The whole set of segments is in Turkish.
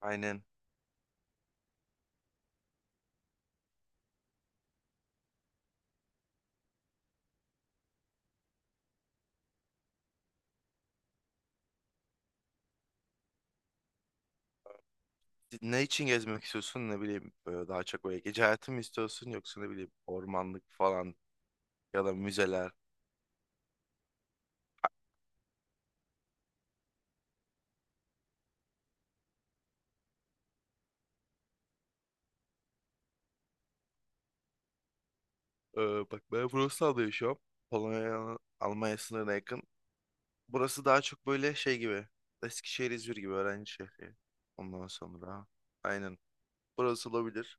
Aynen. Ne için gezmek istiyorsun? Ne bileyim böyle daha çok böyle gece hayatı mı istiyorsun yoksa ne bileyim ormanlık falan ya da müzeler. Ee, bak ben Wrocław'da yaşıyorum. Polonya Almanya sınırına yakın. Burası daha çok böyle şey gibi. Eskişehir İzmir gibi öğrenci şehri. Ondan sonra aynen. Burası olabilir.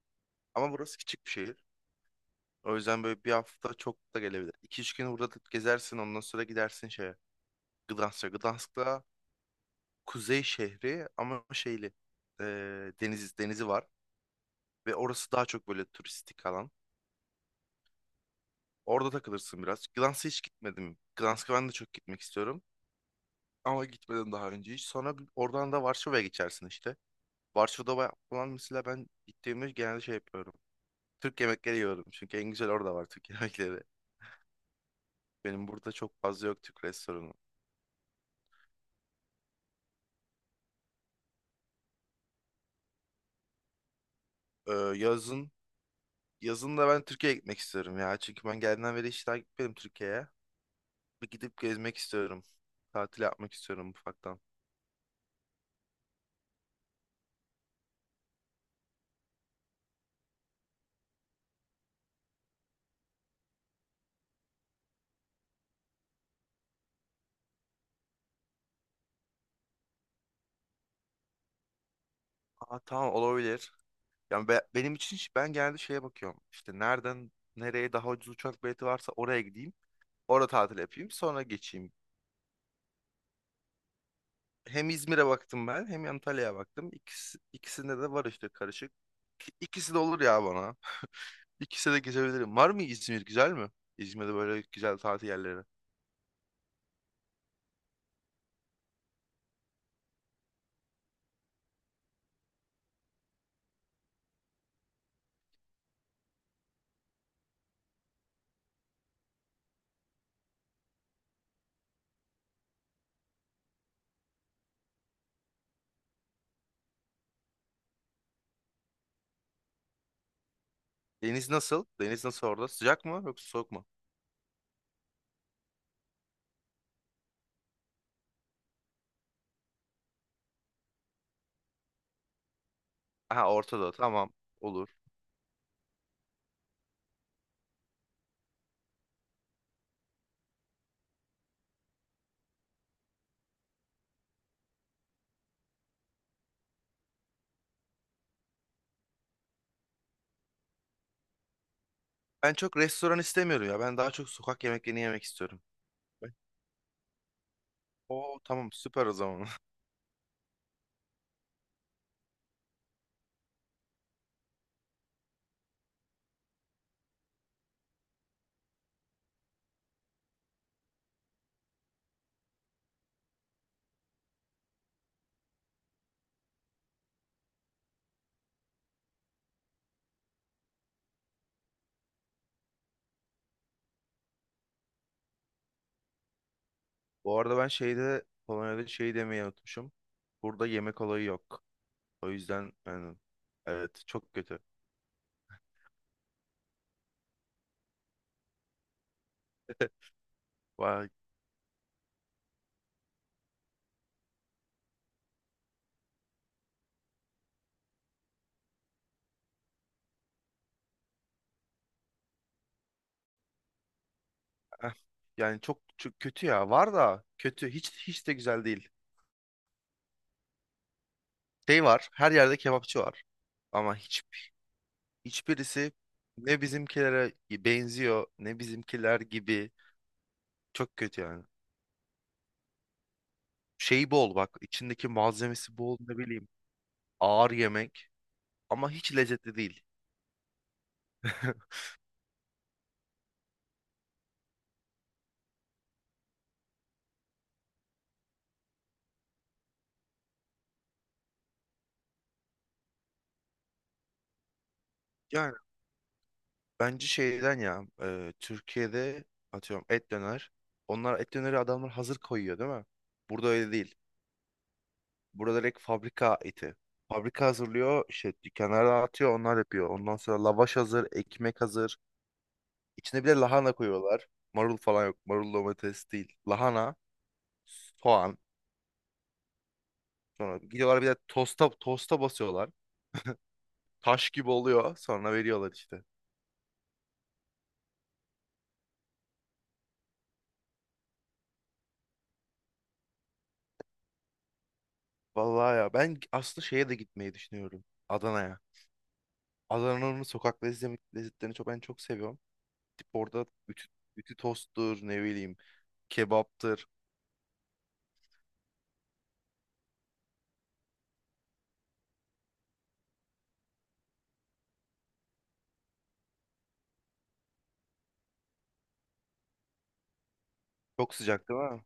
Ama burası küçük bir şehir. O yüzden böyle bir hafta çok da gelebilir. 2 üç gün burada gezersin ondan sonra gidersin şeye. Gdansk'a. Gdansk'ta kuzey şehri ama şeyli e, denizi var ve orası daha çok böyle turistik alan. Orada takılırsın biraz. Gdansk'a hiç gitmedim. Gdansk'a ben de çok gitmek istiyorum ama gitmedim daha önce hiç. Sonra oradan da Varşova'ya geçersin işte. Varşova'da falan mesela ben gittiğimde genelde şey yapıyorum. Türk yemekleri yiyorum çünkü en güzel orada var Türk yemekleri. Benim burada çok fazla yok Türk restoranı. Ee, yazın yazın da ben Türkiye'ye gitmek istiyorum ya. Çünkü ben geldiğimden beri hiç daha gitmedim Türkiye'ye. Bir gidip gezmek istiyorum. Tatil yapmak istiyorum ufaktan. Aa, tamam olabilir. Yani benim için ben genelde şeye bakıyorum. İşte nereden nereye daha ucuz uçak bileti varsa oraya gideyim. Orada tatil yapayım. Sonra geçeyim. Hem İzmir'e baktım ben hem Antalya'ya baktım. İkisi, ikisinde de var işte karışık. İkisi de olur ya bana. İkisi de gezebilirim. Var mı İzmir güzel mi? İzmir'de böyle güzel tatil yerleri. Deniz nasıl? Deniz nasıl orada? Sıcak mı yoksa soğuk mu? Aha ortada tamam olur. Ben çok restoran istemiyorum ya. Ben daha çok sokak yemeklerini yemek istiyorum. Ben... Oo tamam süper o zaman. Bu arada ben Polonya'da şey demeyi unutmuşum. Burada yemek olayı yok. O yüzden yani evet çok kötü. Vay, eh, yani çok, çok kötü ya. Var da kötü. Hiç hiç de güzel değil. Şey var. Her yerde kebapçı var. Ama hiçbirisi ne bizimkilere benziyor ne bizimkiler gibi. Çok kötü yani. Şey bol bak içindeki malzemesi bol ne bileyim. Ağır yemek ama hiç lezzetli değil. Yani bence şeyden ya Türkiye'de atıyorum et döner. Onlar et döneri adamlar hazır koyuyor değil mi? Burada öyle değil. Burada direkt fabrika eti. Fabrika hazırlıyor işte dükkanlara atıyor onlar yapıyor. Ondan sonra lavaş hazır, ekmek hazır. İçine bir de lahana koyuyorlar. Marul falan yok. Marul domates değil. Lahana, soğan. Sonra gidiyorlar bir de tosta, tosta basıyorlar. Taş gibi oluyor. Sonra veriyorlar işte. Vallahi ya ben aslında şeye de gitmeyi düşünüyorum. Adana'ya. Adana'nın sokak lezzetlerini çok ben çok seviyorum. Tip orada ütü tosttur, ne bileyim, kebaptır. Çok sıcak değil mi?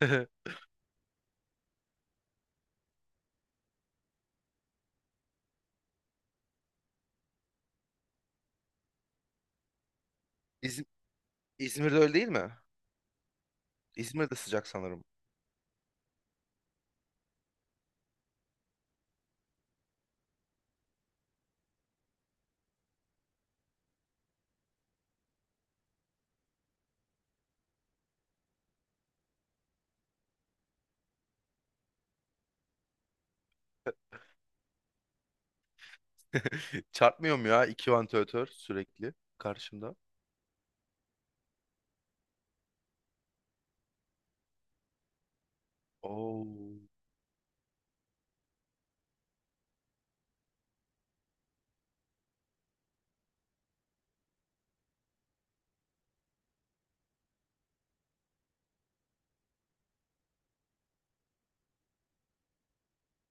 İzm- İzmir'de öyle değil mi? İzmir'de sıcak sanırım. Çarpmıyor mu ya iki vantilatör sürekli karşımda. Oo.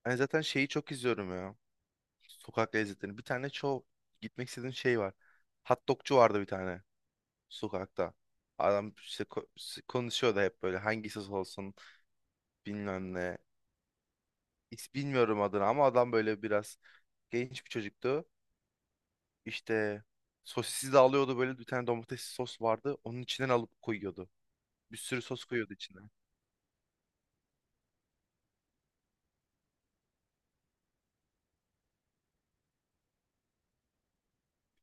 Ben zaten şeyi çok izliyorum ya. Sokak lezzetlerini. Bir tane çok gitmek istediğim şey var. Hot dogcu vardı bir tane. Sokakta. Adam işte konuşuyor da hep böyle hangisi olsun bilmem ne. Hiç bilmiyorum adını ama adam böyle biraz genç bir çocuktu. İşte sosisi de alıyordu böyle bir tane domates sos vardı. Onun içinden alıp koyuyordu. Bir sürü sos koyuyordu içine.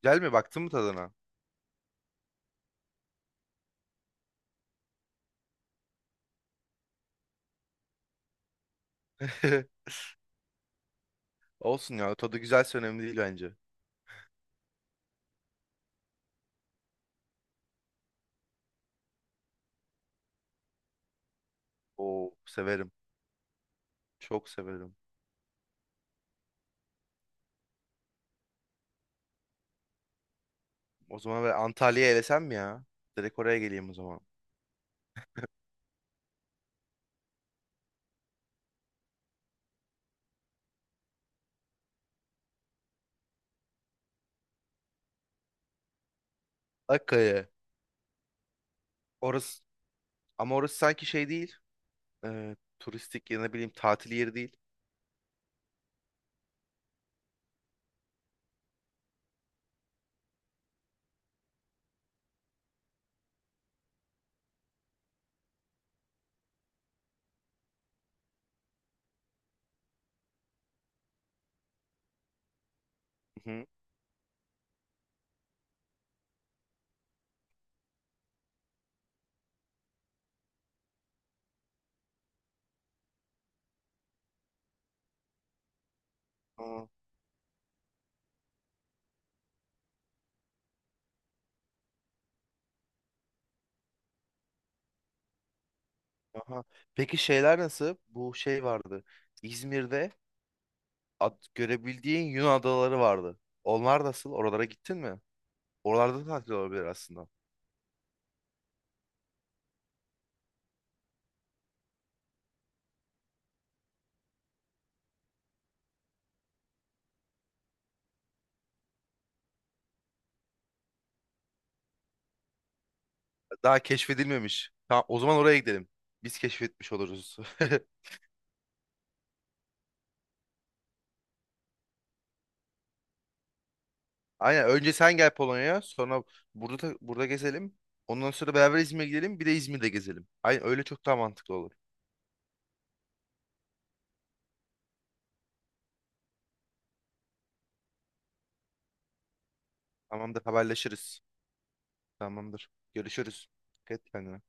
Güzel mi? Baktın mı tadına? Olsun ya tadı güzelse önemli değil bence. Oo severim. Çok severim. O zaman ben Antalya'ya elesem mi ya? Direkt oraya geleyim o zaman. Akkaya. Orası ama orası sanki şey değil. Turistik ya ne bileyim tatil yeri değil. Hı hı. Aa, aha. Peki şeyler nasıl? Bu şey vardı. İzmir'de görebildiğin Yunan adaları vardı. Onlar nasıl? Oralara gittin mi? Oralarda da tatil olabilir aslında. Daha keşfedilmemiş. Tamam, o zaman oraya gidelim. Biz keşfetmiş oluruz. Aynen. Önce sen gel Polonya'ya, sonra burada burada gezelim. Ondan sonra beraber İzmir'e gidelim, bir de İzmir'de gezelim. Aynen öyle çok daha mantıklı olur. Tamamdır, haberleşiriz. Tamamdır. Görüşürüz. Dikkat et kendine.